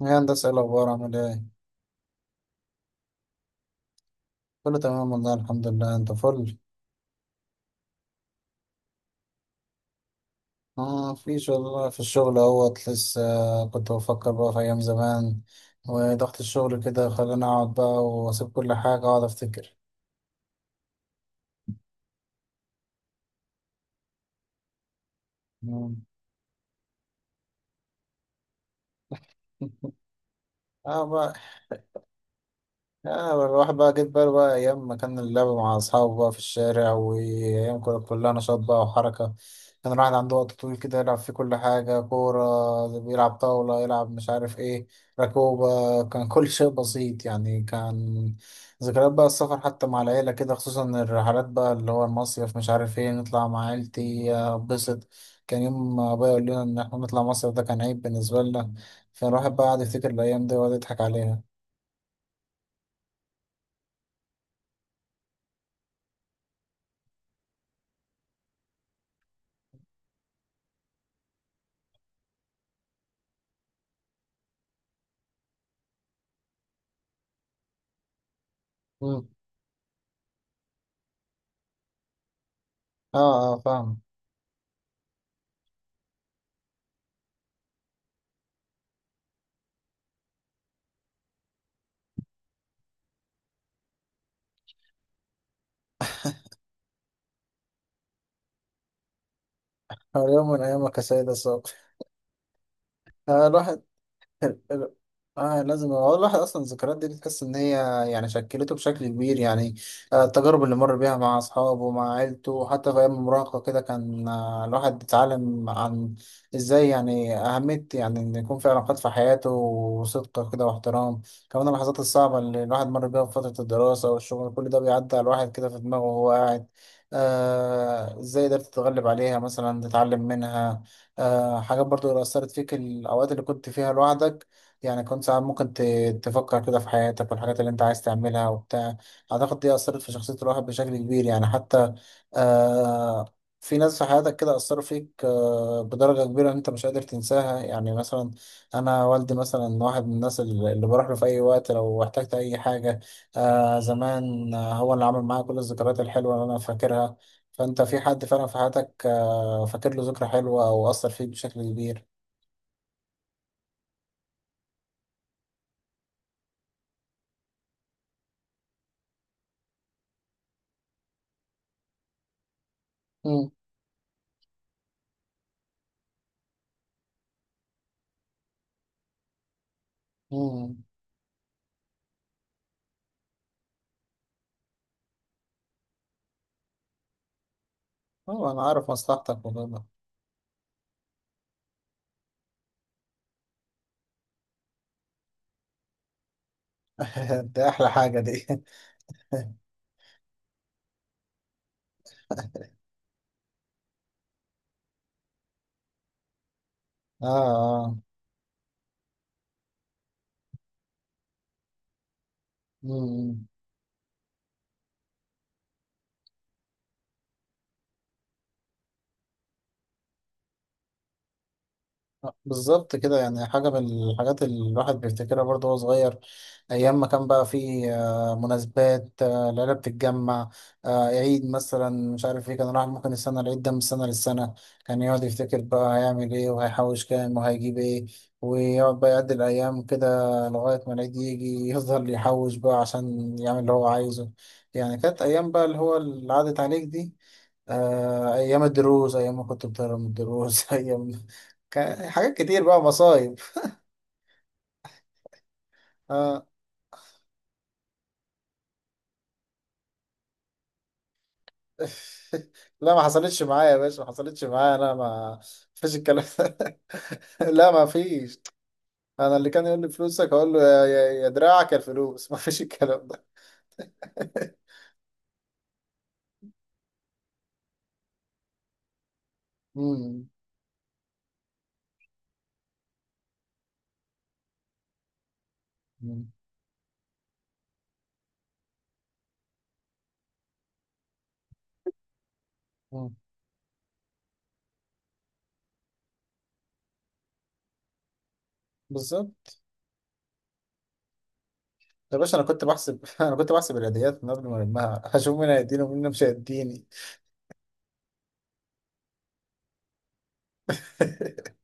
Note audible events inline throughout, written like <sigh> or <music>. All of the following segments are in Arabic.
يا هندسة إيه الأخبار عامل إيه؟ كله تمام والله الحمد لله أنت فل؟ في الشغل أهوت لسه. كنت بفكر بقى في أيام زمان، وضغط الشغل كده خلاني أقعد بقى وأسيب كل حاجة وأقعد أفتكر. مم. <laughs> آه بقى. الواحد بقى جيت بقى أيام ما كان اللعب مع أصحابه بقى في الشارع، وأيام كانت كلها نشاط بقى وحركة. كان الواحد عنده وقت طويل كده يلعب فيه كل حاجة، كورة بيلعب، طاولة يلعب، مش عارف إيه، ركوبة. كان كل شيء بسيط يعني. كان ذكريات بقى السفر حتى مع العيلة كده، خصوصا الرحلات بقى اللي هو المصيف، مش عارف إيه، نطلع مع عيلتي أتبسط. كان يوم ما أبويا يقول لنا إن إحنا نطلع مصيف ده كان عيب بالنسبة لنا. فالواحد بقى قعد يفتكر الأيام دي ويقعد يضحك عليها. اه اه، فاهم. هو يوم من ايامك يا سيد السوق. الواحد ال- ال- اه لازم، هو الواحد اصلا الذكريات دي بتحس ان هي، يعني، شكلته بشكل كبير يعني. التجارب اللي مر بيها مع اصحابه، مع عيلته، حتى في ايام المراهقه كده كان، الواحد اتعلم عن ازاي، يعني، اهميه يعني ان يكون في علاقات في حياته، وصدق كده، واحترام. كمان اللحظات الصعبه اللي الواحد مر بيها في فتره الدراسه والشغل، كل ده بيعدي على الواحد كده في دماغه وهو قاعد. ازاي قدرت تتغلب عليها مثلا، تتعلم منها. حاجات برضو اللي أثرت فيك، الأوقات اللي كنت فيها لوحدك يعني، كنت ساعات ممكن تفكر كده في حياتك والحاجات اللي أنت عايز تعملها وبتاع. أعتقد دي أثرت في شخصية الواحد بشكل كبير يعني، حتى آه في ناس في حياتك كده أثروا فيك بدرجة كبيرة أنت مش قادر تنساها، يعني مثلا أنا والدي مثلا، واحد من الناس اللي بروح له في أي وقت لو احتجت أي حاجة. زمان، هو اللي عمل معايا كل الذكريات الحلوة اللي أنا فاكرها. فانت، في حد فعلا في حياتك، فاكر له ذكرى حلوة او اثر فيك بشكل كبير؟ امم. امم. اه، انا عارف مصلحتك والله. <laughs> ده احلى حاجة دي. <laughs> اه اه. مم. بالظبط كده، يعني حاجة من الحاجات اللي الواحد بيفتكرها برضه وهو صغير، أيام ما كان بقى فيه مناسبات، العيلة بتتجمع، عيد مثلا، مش عارف ايه. كان الواحد ممكن السنة العيد ده من سنة للسنة كان يقعد يفتكر بقى هيعمل ايه وهيحوش كام وهيجيب ايه، ويقعد بقى يعد الأيام كده لغاية ما العيد يجي، يفضل يحوش بقى عشان يعمل اللي هو عايزه. يعني كانت أيام بقى اللي هو اللي عدت عليك دي. أيام الدروس، أيام ما كنت بتهرب من الدروس. <laughs> أيام كان حاجات كتير بقى مصايب. آه. <laughs> لا، ما حصلتش معايا يا باشا، ما حصلتش معايا، أنا ما فيش الكلام ده. <laughs> لا ما فيش. أنا اللي كان يقول لي فلوسك أقول له يا يا يا دراعك يا الفلوس. <laughs> ما فيش الكلام ده. مم. مم. مم. بالظبط. يا باشا، أنا كنت بحسب، <laughs> أنا كنت بحسب العيديات من قبل ما ألمها، هشوف مين هيديني ومين مش هيديني. <laughs>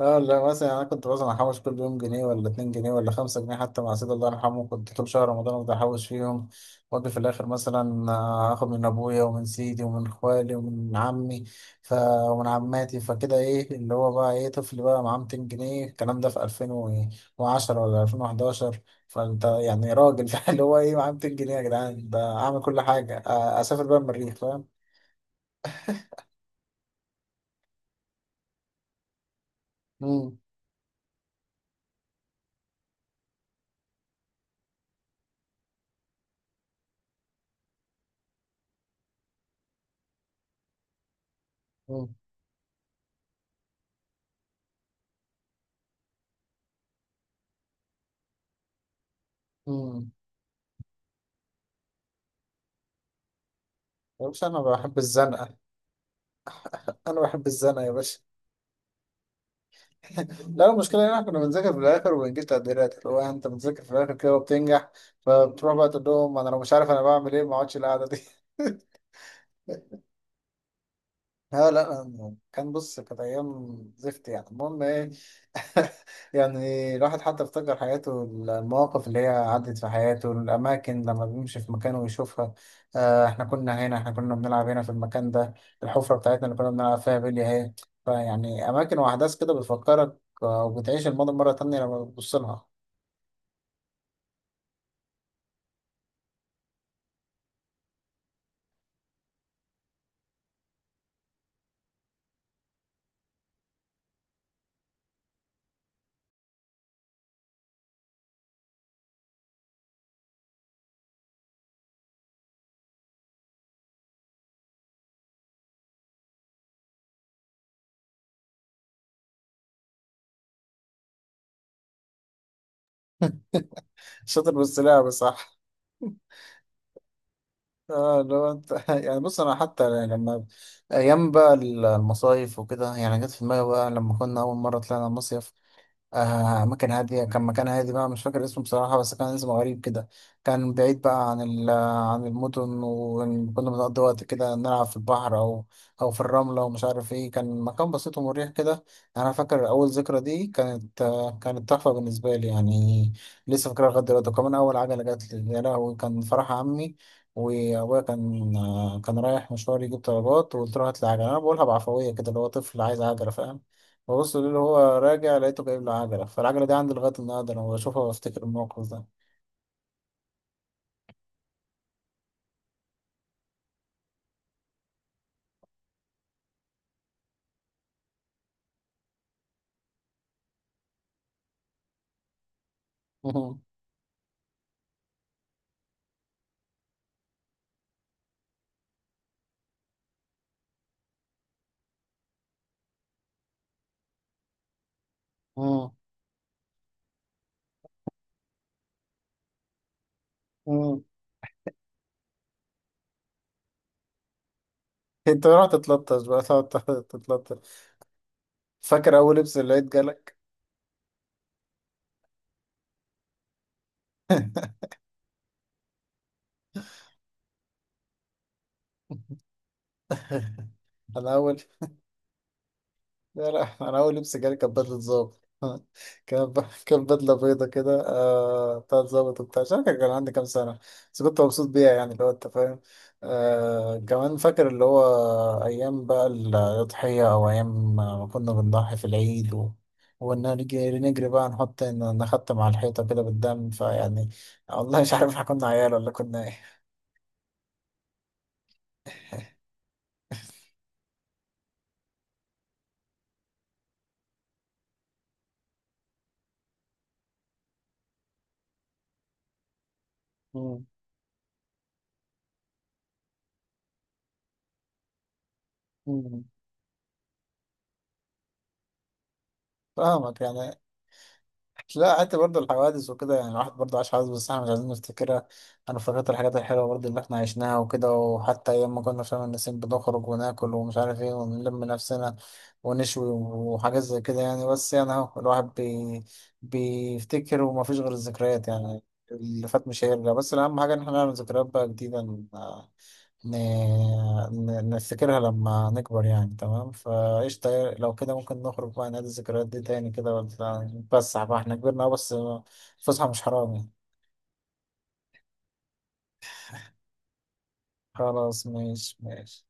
اه، لا مثلا، يعني انا كنت مثلا احوش كل يوم جنيه ولا 2 جنيه ولا 5 جنيه، حتى مع سيد الله يرحمه كنت طول شهر رمضان افضل احوش فيهم، واجي في الاخر مثلا، اخد من ابويا ومن سيدي ومن خوالي ومن عمي ف... ومن عماتي. فكده ايه اللي هو بقى، ايه، طفل بقى معاه 200 جنيه، الكلام ده في 2010 ولا 2011. فانت يعني راجل، <laughs> اللي هو ايه معاه 200 جنيه يا جدعان، ده اعمل كل حاجه، اسافر بقى المريخ، فاهم. امم. امم. امم. يا باشا انا بحب الزنقه. انا بحب الزنقه يا باشا. لا، المشكلة هنا كنا بنذاكر في الآخر وبنجيب تقديرات اللي هو، يعني، أنت بتذاكر في الآخر كده وبتنجح. فبتروح بقى تقول لهم أنا لو مش عارف أنا بعمل إيه، ما أقعدش القعدة دي. <laughs> لا لا، كان، بص، كانت أيام زفت يعني، المهم إيه. <laughs> يعني الواحد حتى افتكر حياته، المواقف اللي هي عدت في حياته، الأماكن لما بيمشي في مكانه ويشوفها. إحنا كنا هنا، إحنا كنا بنلعب هنا في المكان ده، الحفرة بتاعتنا اللي كنا بنلعب فيها بلي أهي. فيعني أماكن وأحداث كده بتفكرك، وبتعيش الماضي مرة تانية لما بتبص لها. شاطر بس لعبة، صح. اه لو انت، <laughs> يعني بص، انا حتى لما ايام بقى المصايف وكده، يعني، جت في دماغي بقى لما كنا اول مرة طلعنا مصيف. مكان هادي، كان مكان هادي بقى، مش فاكر اسمه بصراحة، بس كان اسمه غريب كده. كان بعيد بقى عن ال عن المدن، وكنا بنقضي وقت كده نلعب في البحر أو أو في الرملة، ومش عارف إيه. كان مكان بسيط ومريح كده. أنا فاكر أول ذكرى دي كانت، كانت تحفة بالنسبة لي يعني، لسه فاكرها لغاية دلوقتي. وكمان أول عجلة جات لي، يا لهوي، كان فرح عمي. وأبويا كان، كان رايح مشوار يجيب طلبات، وقلت له هات لي عجلة، أنا بقولها بعفوية كده اللي هو طفل عايز عجلة، فاهم. ببص اللي هو راجع لقيته جايب له عجلة، فالعجلة دي عندي لغاية النهاردة أنا بشوفها وأفتكر الموقف ده. <laughs> مم. مم. أنت رحت تتلطش بقى، تقعد تتلطش. فاكر أول لبس اللي لقيت جالك؟ <laughs> أنا أول لا لا، انا اول لبس جالي كانت بدله ظابط. <laughs> كانت كانت بدله بيضه كده، بتاعت ظابط وبتاع، مش عارف كان عندي كام سنه، بس كنت مبسوط بيها، يعني اللي هو انت فاهم. كمان فاكر اللي هو ايام بقى الاضحيه، او ايام ما كنا بنضحي في العيد ونجري نجري بقى، نحط نحط مع الحيطه كده بالدم. فيعني، والله مش عارف احنا كنا عيال ولا كنا ايه. مم. مم. فاهمك يعني. لا، حتى برضه الحوادث وكده، يعني الواحد برضه عاش حوادث بس احنا مش عايزين نفتكرها. انا فاكرت الحاجات الحلوه برضه اللي احنا عشناها وكده، وحتى ايام ما كنا في شم النسيم بنخرج وناكل، ومش عارف ايه، ونلم نفسنا ونشوي وحاجات زي كده يعني. بس يعني اهو الواحد بيفتكر، ومفيش غير الذكريات يعني. اللي فات مش هيرجع، بس الاهم حاجه ان احنا نعمل ذكريات بقى جديده، ن- نفتكرها لما نكبر يعني. تمام. فقشطة، لو كده ممكن نخرج بقى نادي الذكريات دي تاني كده، ولا نتفسح بقى، احنا كبرنا أهو، بس الفسحة مش حرام يعني. خلاص ماشي ماشي.